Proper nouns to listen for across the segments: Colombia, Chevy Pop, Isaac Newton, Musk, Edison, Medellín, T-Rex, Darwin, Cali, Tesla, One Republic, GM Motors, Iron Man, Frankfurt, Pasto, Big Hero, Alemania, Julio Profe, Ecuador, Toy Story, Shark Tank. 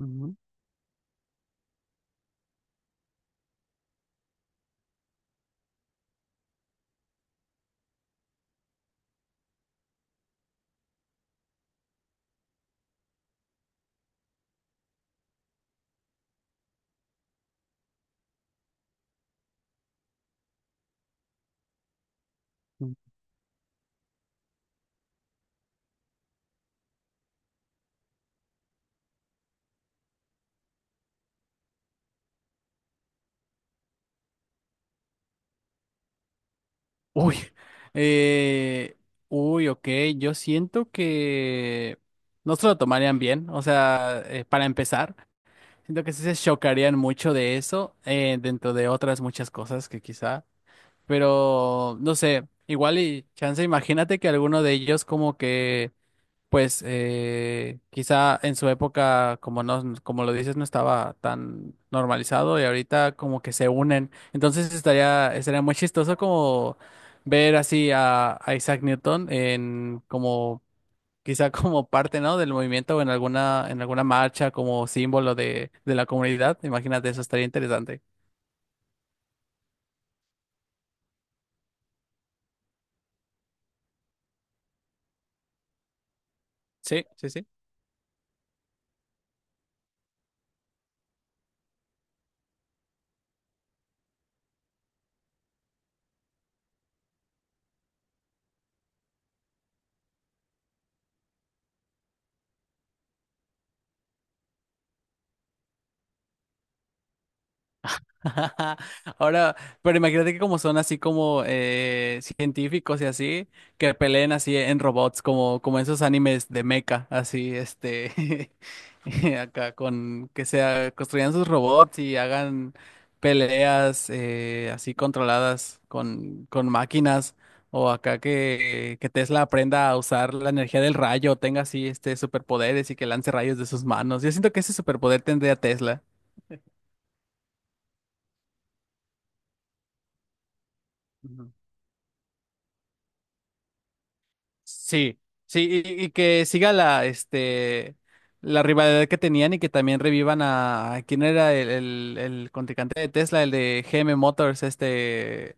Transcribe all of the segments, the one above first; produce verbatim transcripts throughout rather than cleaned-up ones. Ujú, ujú. Uy, eh, uy, ok, yo siento que no se lo tomarían bien. O sea, eh, para empezar, siento que sí se chocarían mucho de eso eh, dentro de otras muchas cosas que quizá, pero no sé, igual y chance, imagínate que alguno de ellos como que pues eh, quizá en su época, como no, como lo dices, no estaba tan normalizado y ahorita como que se unen. Entonces estaría, estaría muy chistoso como ver así a, a Isaac Newton en como quizá como parte, ¿no?, del movimiento o en alguna, en alguna marcha como símbolo de, de la comunidad. Imagínate, eso estaría interesante. Sí, sí, sí. Ahora, pero imagínate que como son así como eh, científicos y así, que peleen así en robots, como, como esos animes de mecha, así, este, acá con que sea, construyan sus robots y hagan peleas eh, así controladas con, con máquinas, o acá que, que Tesla aprenda a usar la energía del rayo, tenga así este superpoderes y que lance rayos de sus manos. Yo siento que ese superpoder tendría Tesla. Sí, sí, y, y que siga la, este, la rivalidad que tenían y que también revivan a, a quién era el, el, el contrincante de Tesla, el de G M Motors, este,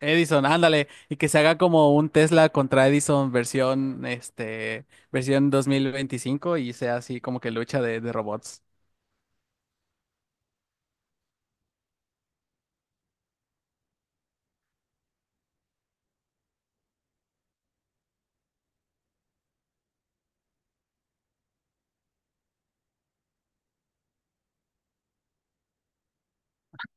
Edison, ándale, y que se haga como un Tesla contra Edison versión, este, versión dos mil veinticinco y sea así como que lucha de, de robots.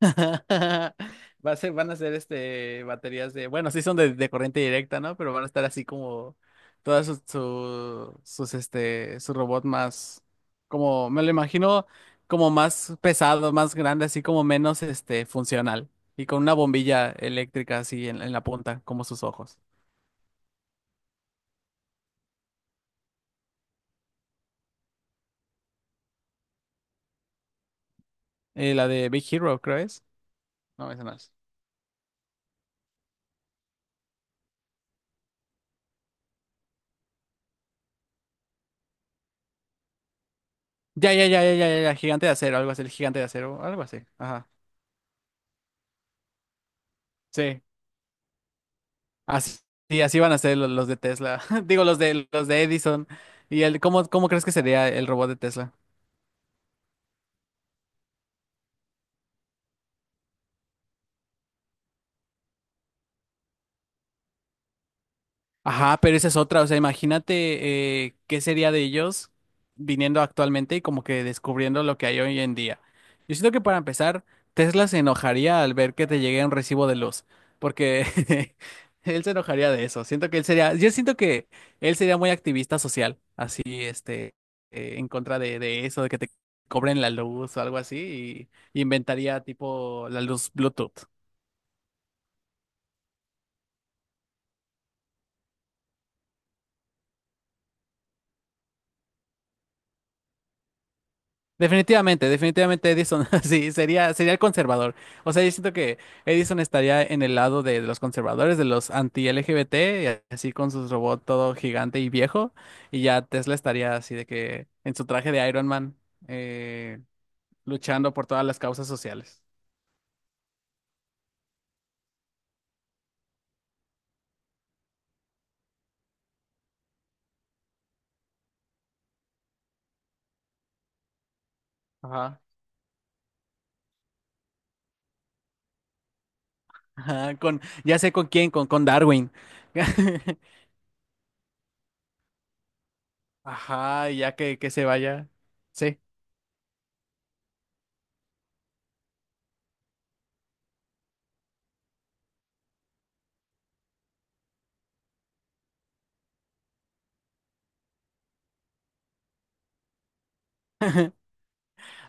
Va a ser, van a ser este baterías de, bueno, sí son de, de corriente directa, ¿no? Pero van a estar así como todas sus, su- sus este, su robot más, como, me lo imagino como más pesado, más grande, así como menos este funcional. Y con una bombilla eléctrica así en, en la punta, como sus ojos. Eh, la de Big Hero, creo es. No, esa no es. Ya, ya, ya, ya, ya, ya, ya, gigante de acero, algo así, el gigante de acero, algo así. Ajá. Sí. Así, sí, así van a ser lo- los de Tesla. Digo, los de los de Edison. ¿Y el cómo, cómo crees que sería el robot de Tesla? Ajá, pero esa es otra. O sea, imagínate eh, qué sería de ellos viniendo actualmente y como que descubriendo lo que hay hoy en día. Yo siento que para empezar, Tesla se enojaría al ver que te llegue un recibo de luz, porque él se enojaría de eso. Siento que él sería, yo siento que él sería muy activista social, así, este, eh, en contra de, de eso, de que te cobren la luz o algo así, y inventaría tipo la luz Bluetooth. Definitivamente, definitivamente Edison, sí, sería, sería el conservador. O sea, yo siento que Edison estaría en el lado de, de los conservadores, de los anti-L G B T, y así con su robot todo gigante y viejo, y ya Tesla estaría así de que en su traje de Iron Man, eh, luchando por todas las causas sociales. Ajá. Ajá, con, ya sé con quién, con, con Darwin. Ajá, y ya que, que se vaya. Sí.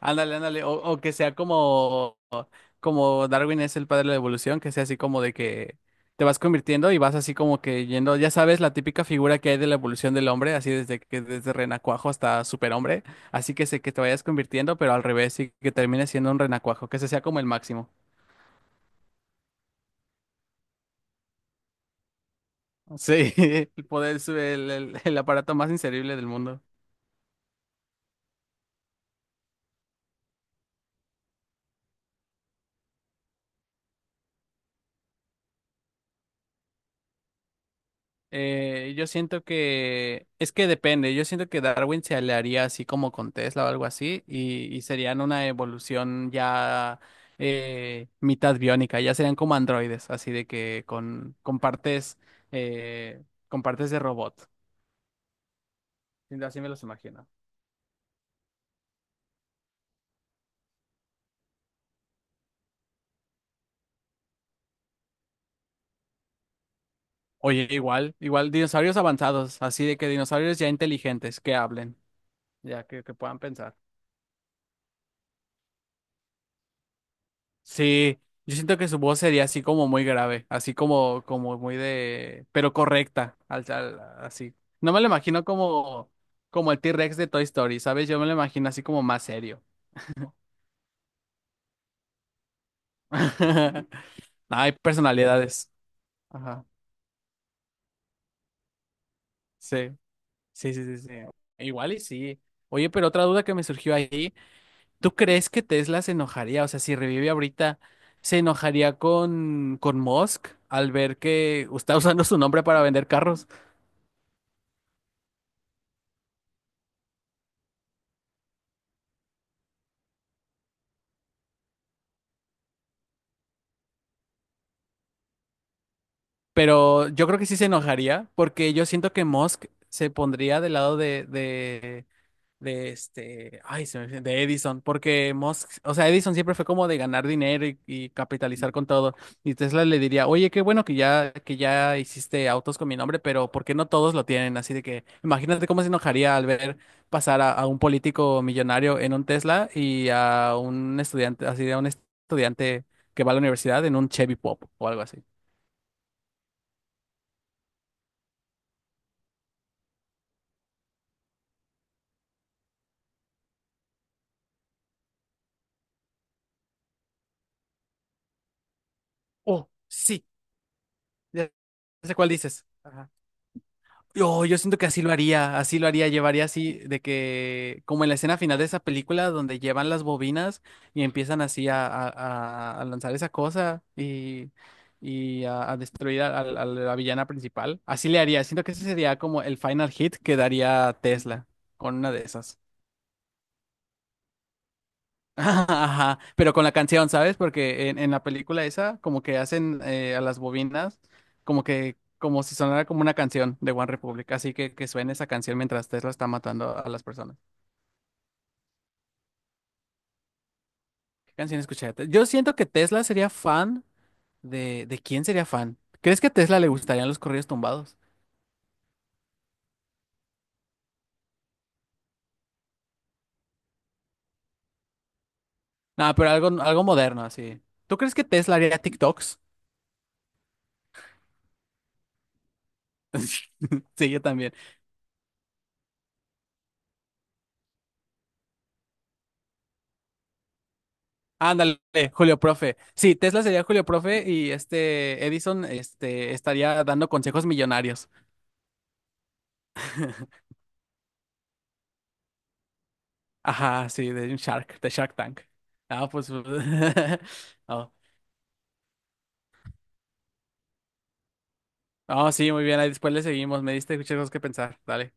Ándale, ándale, o, o que sea como, como Darwin es el padre de la evolución, que sea así como de que te vas convirtiendo y vas así como que yendo, ya sabes, la típica figura que hay de la evolución del hombre, así desde que desde renacuajo hasta superhombre, así que sé que te vayas convirtiendo, pero al revés y que termines siendo un renacuajo, que ese sea como el máximo. Sí, el poder, su- el, el el aparato más inserible del mundo. Eh, yo siento que es que depende, yo siento que Darwin se aliaría así como con Tesla o algo así y, y serían una evolución ya eh, mitad biónica, ya serían como androides, así de que con, con partes, eh, con partes de robot. Sí, así me los imagino. Oye, igual, igual dinosaurios avanzados, así de que dinosaurios ya inteligentes que hablen, ya que, que puedan pensar. Sí, yo siento que su voz sería así como muy grave, así como, como muy de, pero correcta, al, al- así. No me lo imagino como, como el T-Rex de Toy Story, ¿sabes? Yo me lo imagino así como más serio. No, hay personalidades. Ajá. Sí, sí, sí, sí, sí. Igual y sí. Oye, pero otra duda que me surgió ahí, ¿tú crees que Tesla se enojaría? O sea, si revive ahorita, ¿se enojaría con, con Musk al ver que está usando su nombre para vender carros? Pero yo creo que sí se enojaría, porque yo siento que Musk se pondría del lado de, de, de este, ay, se me fue- de Edison, porque Musk, o sea, Edison siempre fue como de ganar dinero y, y capitalizar con todo. Y Tesla le diría, oye, qué bueno que ya, que ya hiciste autos con mi nombre, pero ¿por qué no todos lo tienen? Así de que imagínate cómo se enojaría al ver pasar a, a un político millonario en un Tesla y a un estudiante, así de un estudiante que va a la universidad en un Chevy Pop o algo así. Oh, sí. No sé cuál dices. Ajá. Yo, yo siento que así lo haría, así lo haría, llevaría así, de que, como en la escena final de esa película, donde llevan las bobinas y empiezan así a, a- a- a lanzar esa cosa y, y a, a destruir a, a- a la villana principal. Así le haría, siento que ese sería como el final hit que daría Tesla con una de esas. Ajá, ajá, pero con la canción, ¿sabes? Porque en, en la película esa, como que hacen eh, a las bobinas, como que, como si sonara como una canción de One Republic, así que que suene esa canción mientras Tesla está matando a las personas. ¿Qué canción escuché? Yo siento que Tesla sería fan de, ¿de quién sería fan? ¿Crees que a Tesla le gustarían los corridos tumbados? No, pero algo, algo moderno, así. ¿Tú crees que Tesla haría TikToks? Sí, yo también. Ándale, Julio Profe. Sí, Tesla sería Julio Profe y este Edison este, estaría dando consejos millonarios. Ajá, sí, de un Shark, de Shark Tank. Ah, pues. Oh. Oh, sí, muy bien. Ahí después le seguimos. Me diste muchas cosas que pensar. Dale.